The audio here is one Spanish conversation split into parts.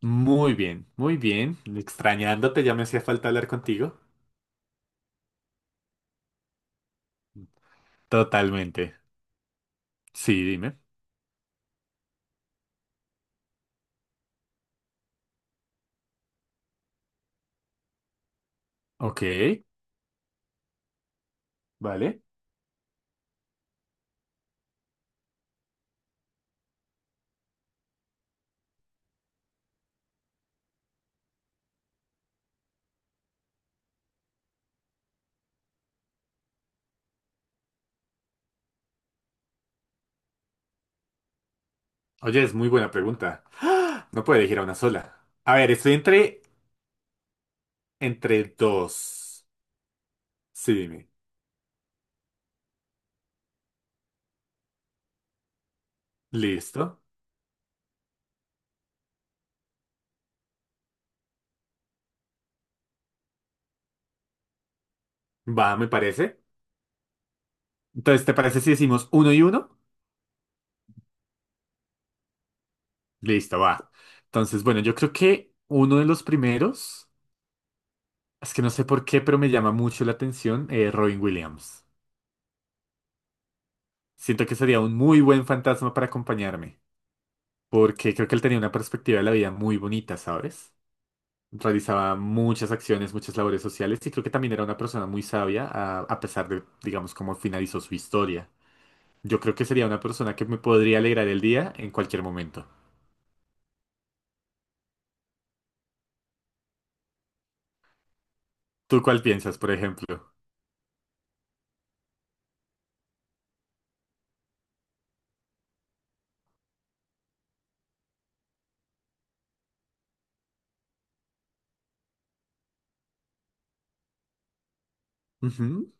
Muy bien, muy bien. Extrañándote, ya me hacía falta hablar contigo. Totalmente. Sí, dime. Ok, vale. Oye, es muy buena pregunta. ¡Ah! No puedo elegir a una sola. A ver, estoy entre, entre dos. Sí, dime. Listo. Va, me parece. Entonces, ¿te parece si decimos uno y uno? Listo, va. Entonces, bueno, yo creo que uno de los primeros, es que no sé por qué, pero me llama mucho la atención, Robin Williams. Siento que sería un muy buen fantasma para acompañarme, porque creo que él tenía una perspectiva de la vida muy bonita, ¿sabes? Realizaba muchas acciones, muchas labores sociales y creo que también era una persona muy sabia a pesar de, digamos, cómo finalizó su historia. Yo creo que sería una persona que me podría alegrar el día en cualquier momento. ¿Tú cuál piensas, por ejemplo? Ujú.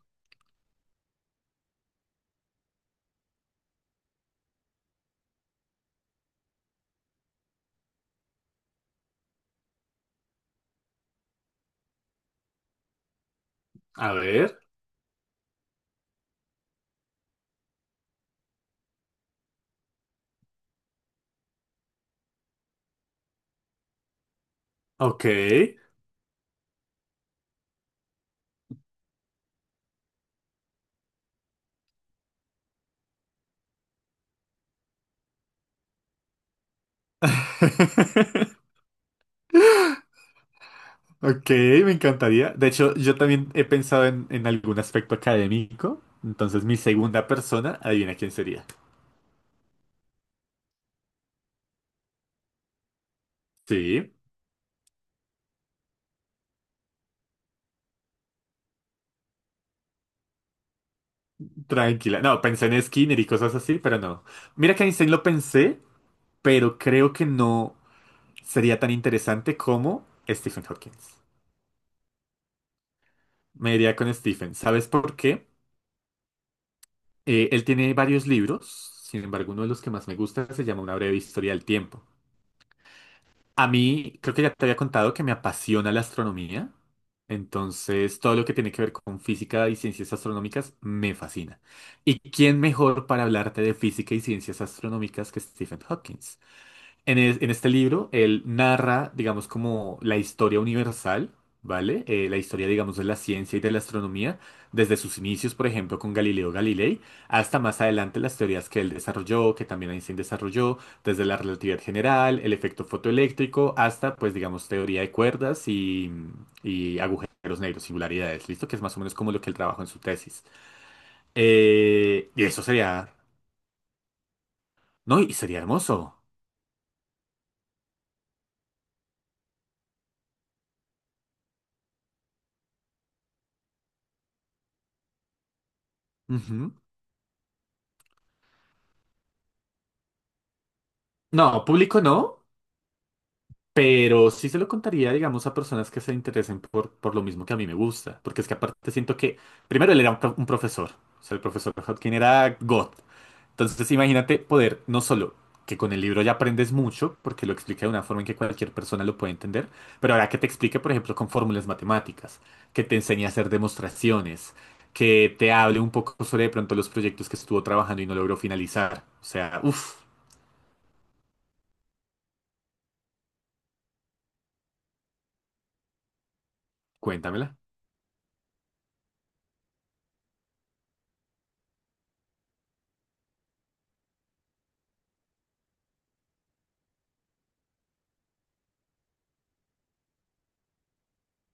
A ver, ok. Ok, me encantaría. De hecho, yo también he pensado en algún aspecto académico. Entonces, mi segunda persona, adivina quién sería. Sí. Tranquila. No, pensé en Skinner y cosas así, pero no. Mira que Einstein lo pensé, pero creo que no sería tan interesante como Stephen Hawking. Me iría con Stephen. ¿Sabes por qué? Él tiene varios libros, sin embargo, uno de los que más me gusta se llama Una breve historia del tiempo. A mí, creo que ya te había contado que me apasiona la astronomía. Entonces, todo lo que tiene que ver con física y ciencias astronómicas me fascina. ¿Y quién mejor para hablarte de física y ciencias astronómicas que Stephen Hawking? En este libro, él narra, digamos, como la historia universal, ¿vale? La historia, digamos, de la ciencia y de la astronomía, desde sus inicios, por ejemplo, con Galileo Galilei, hasta más adelante las teorías que él desarrolló, que también Einstein desarrolló, desde la relatividad general, el efecto fotoeléctrico, hasta, pues, digamos, teoría de cuerdas y agujeros negros, singularidades, ¿listo? Que es más o menos como lo que él trabajó en su tesis. Y eso sería, ¿no? Y sería hermoso. Ujú. No, público no. Pero sí se lo contaría, digamos, a personas que se interesen por lo mismo que a mí me gusta. Porque es que aparte siento que, primero, él era un profesor. O sea, el profesor Hodgkin era God. Entonces, imagínate poder, no solo que con el libro ya aprendes mucho, porque lo explica de una forma en que cualquier persona lo puede entender, pero ahora que te explique, por ejemplo, con fórmulas matemáticas, que te enseñe a hacer demostraciones, que te hable un poco sobre de pronto los proyectos que estuvo trabajando y no logró finalizar. O sea, uff, cuéntamela.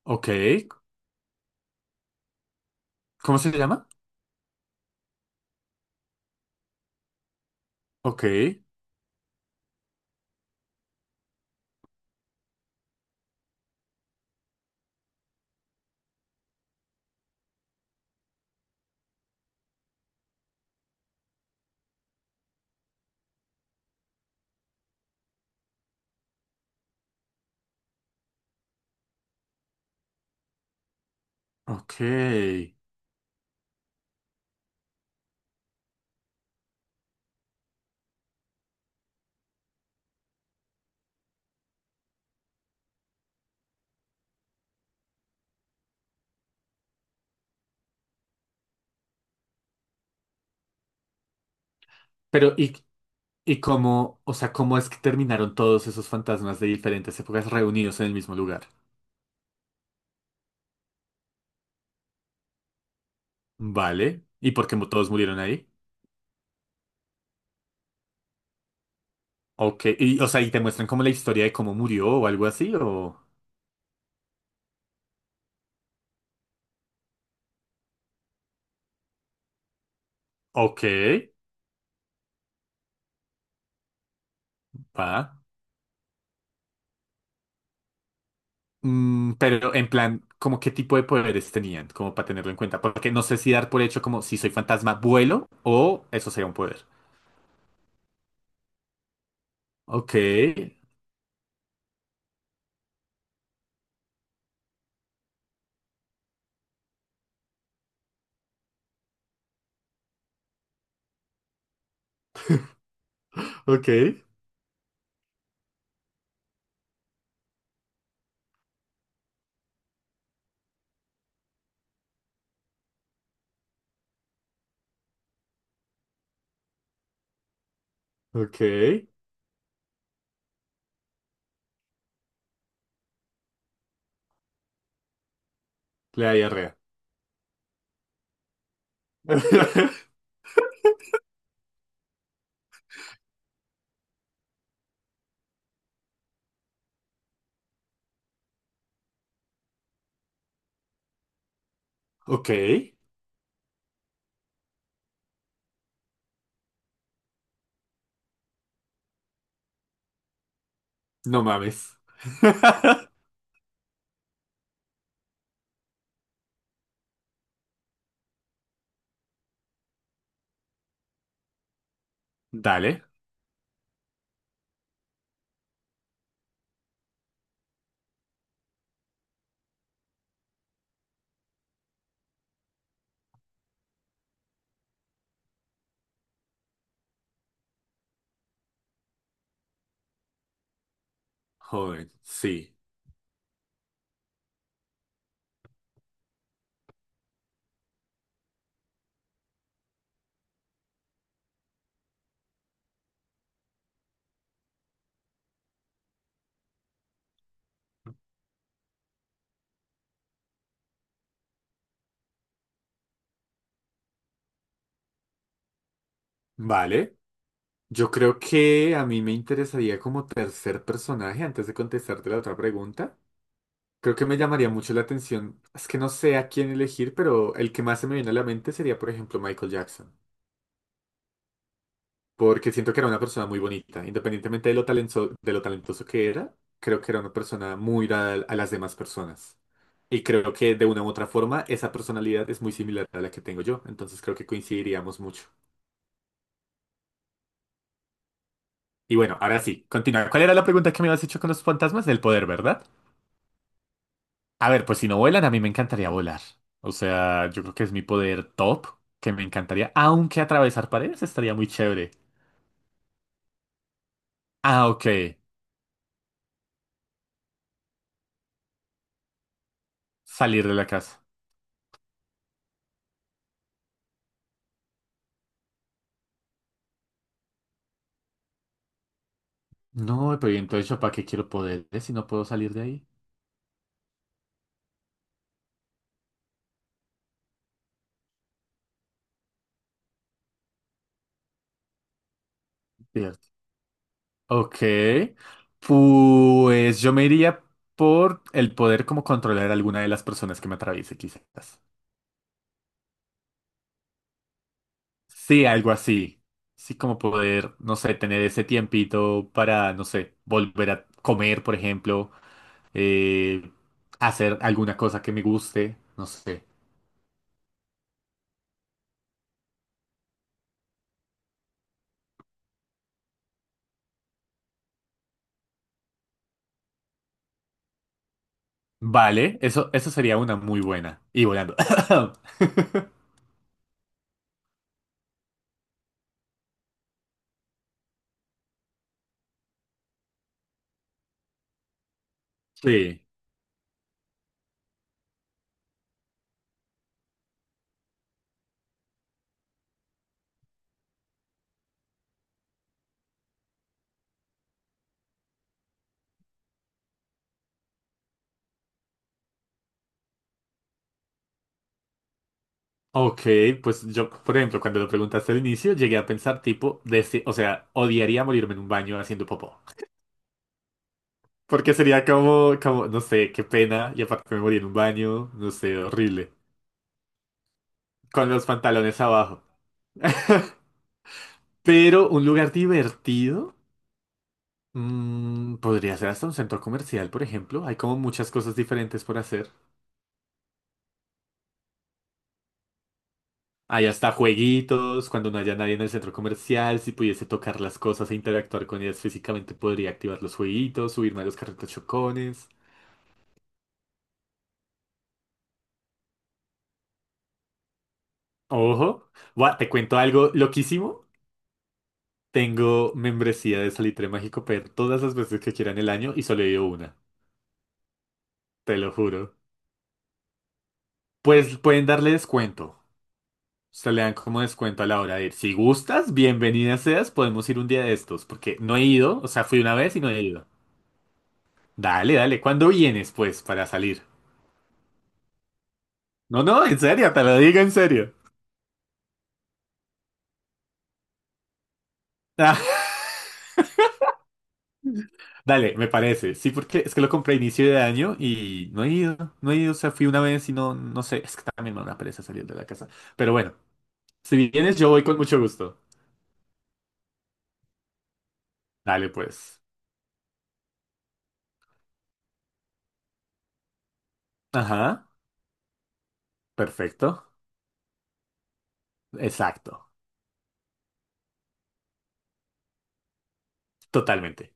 Ok, ¿cómo se llama? Ok. Ok. Pero, ¿y cómo, o sea, cómo es que terminaron todos esos fantasmas de diferentes épocas reunidos en el mismo lugar? Vale. ¿Y por qué mu- todos murieron ahí? Ok. Y, o sea, ¿y te muestran como la historia de cómo murió o algo así? O... Ok. Va. Mm, pero en plan, ¿como qué tipo de poderes tenían? Como para tenerlo en cuenta. Porque no sé si dar por hecho como si soy fantasma, vuelo o eso sería un poder. Ok. Ok. Ok. Le da diarrea. Ok. No mames. Dale. Joven, sí. Vale. Yo creo que a mí me interesaría como tercer personaje antes de contestarte la otra pregunta. Creo que me llamaría mucho la atención. Es que no sé a quién elegir, pero el que más se me viene a la mente sería, por ejemplo, Michael Jackson, porque siento que era una persona muy bonita, independientemente de lo talentoso que era, creo que era una persona muy dada a las demás personas. Y creo que de una u otra forma esa personalidad es muy similar a la que tengo yo, entonces creo que coincidiríamos mucho. Y bueno, ahora sí, continúa. ¿Cuál era la pregunta que me habías hecho con los fantasmas del poder, verdad? A ver, pues si no vuelan, a mí me encantaría volar. O sea, yo creo que es mi poder top, que me encantaría, aunque atravesar paredes estaría muy chévere. Ah, ok, salir de la casa. No, pero ¿y entonces yo para qué quiero poderes si no puedo salir de ahí? Cierto. Ok, pues yo me iría por el poder como controlar a alguna de las personas que me atraviese, quizás. Sí, algo así. Sí, como poder, no sé, tener ese tiempito para, no sé, volver a comer, por ejemplo, eh, hacer alguna cosa que me guste, no sé. Vale, eso sería una muy buena. Y volando. Sí. Ok, pues yo, por ejemplo, cuando lo preguntaste al inicio, llegué a pensar tipo, desde, o sea, odiaría morirme en un baño haciendo popó. Porque sería como, como, no sé, qué pena, y aparte me morí en un baño, no sé, horrible. Con los pantalones abajo. Pero un lugar divertido, mm, podría ser hasta un centro comercial, por ejemplo. Hay como muchas cosas diferentes por hacer. Hay hasta jueguitos, cuando no haya nadie en el centro comercial, si pudiese tocar las cosas e interactuar con ellas físicamente, podría activar los jueguitos, subirme a los carritos chocones. Ojo, buah, te cuento algo loquísimo. Tengo membresía de Salitre Mágico per todas las veces que quieran el año y solo he ido una, te lo juro. Pues pueden darle descuento. Se le dan como descuento a la hora de ir. Si gustas, bienvenida seas, podemos ir un día de estos, porque no he ido, o sea, fui una vez y no he ido. Dale, dale, ¿cuándo vienes, pues, para salir? No, no, en serio, te lo digo en serio. Ah, dale, me parece. Sí, porque es que lo compré a inicio de año y no he ido. No he ido, o sea, fui una vez y no, no sé. Es que también me da una pereza salir de la casa. Pero bueno, si vienes, yo voy con mucho gusto. Dale, pues. Ajá, perfecto. Exacto, totalmente.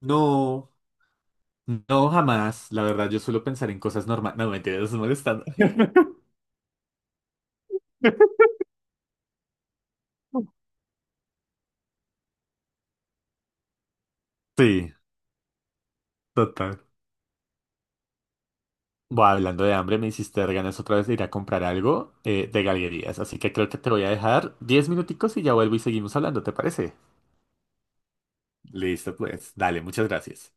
No, no, jamás. La verdad, yo suelo pensar en cosas normales. No, mentira, no estoy molestando. Sí, total. Buah, hablando de hambre, me hiciste dar ganas otra vez de ir a comprar algo, de galerías, así que creo que te voy a dejar 10 minuticos y ya vuelvo y seguimos hablando, ¿te parece? Listo, pues, dale, muchas gracias.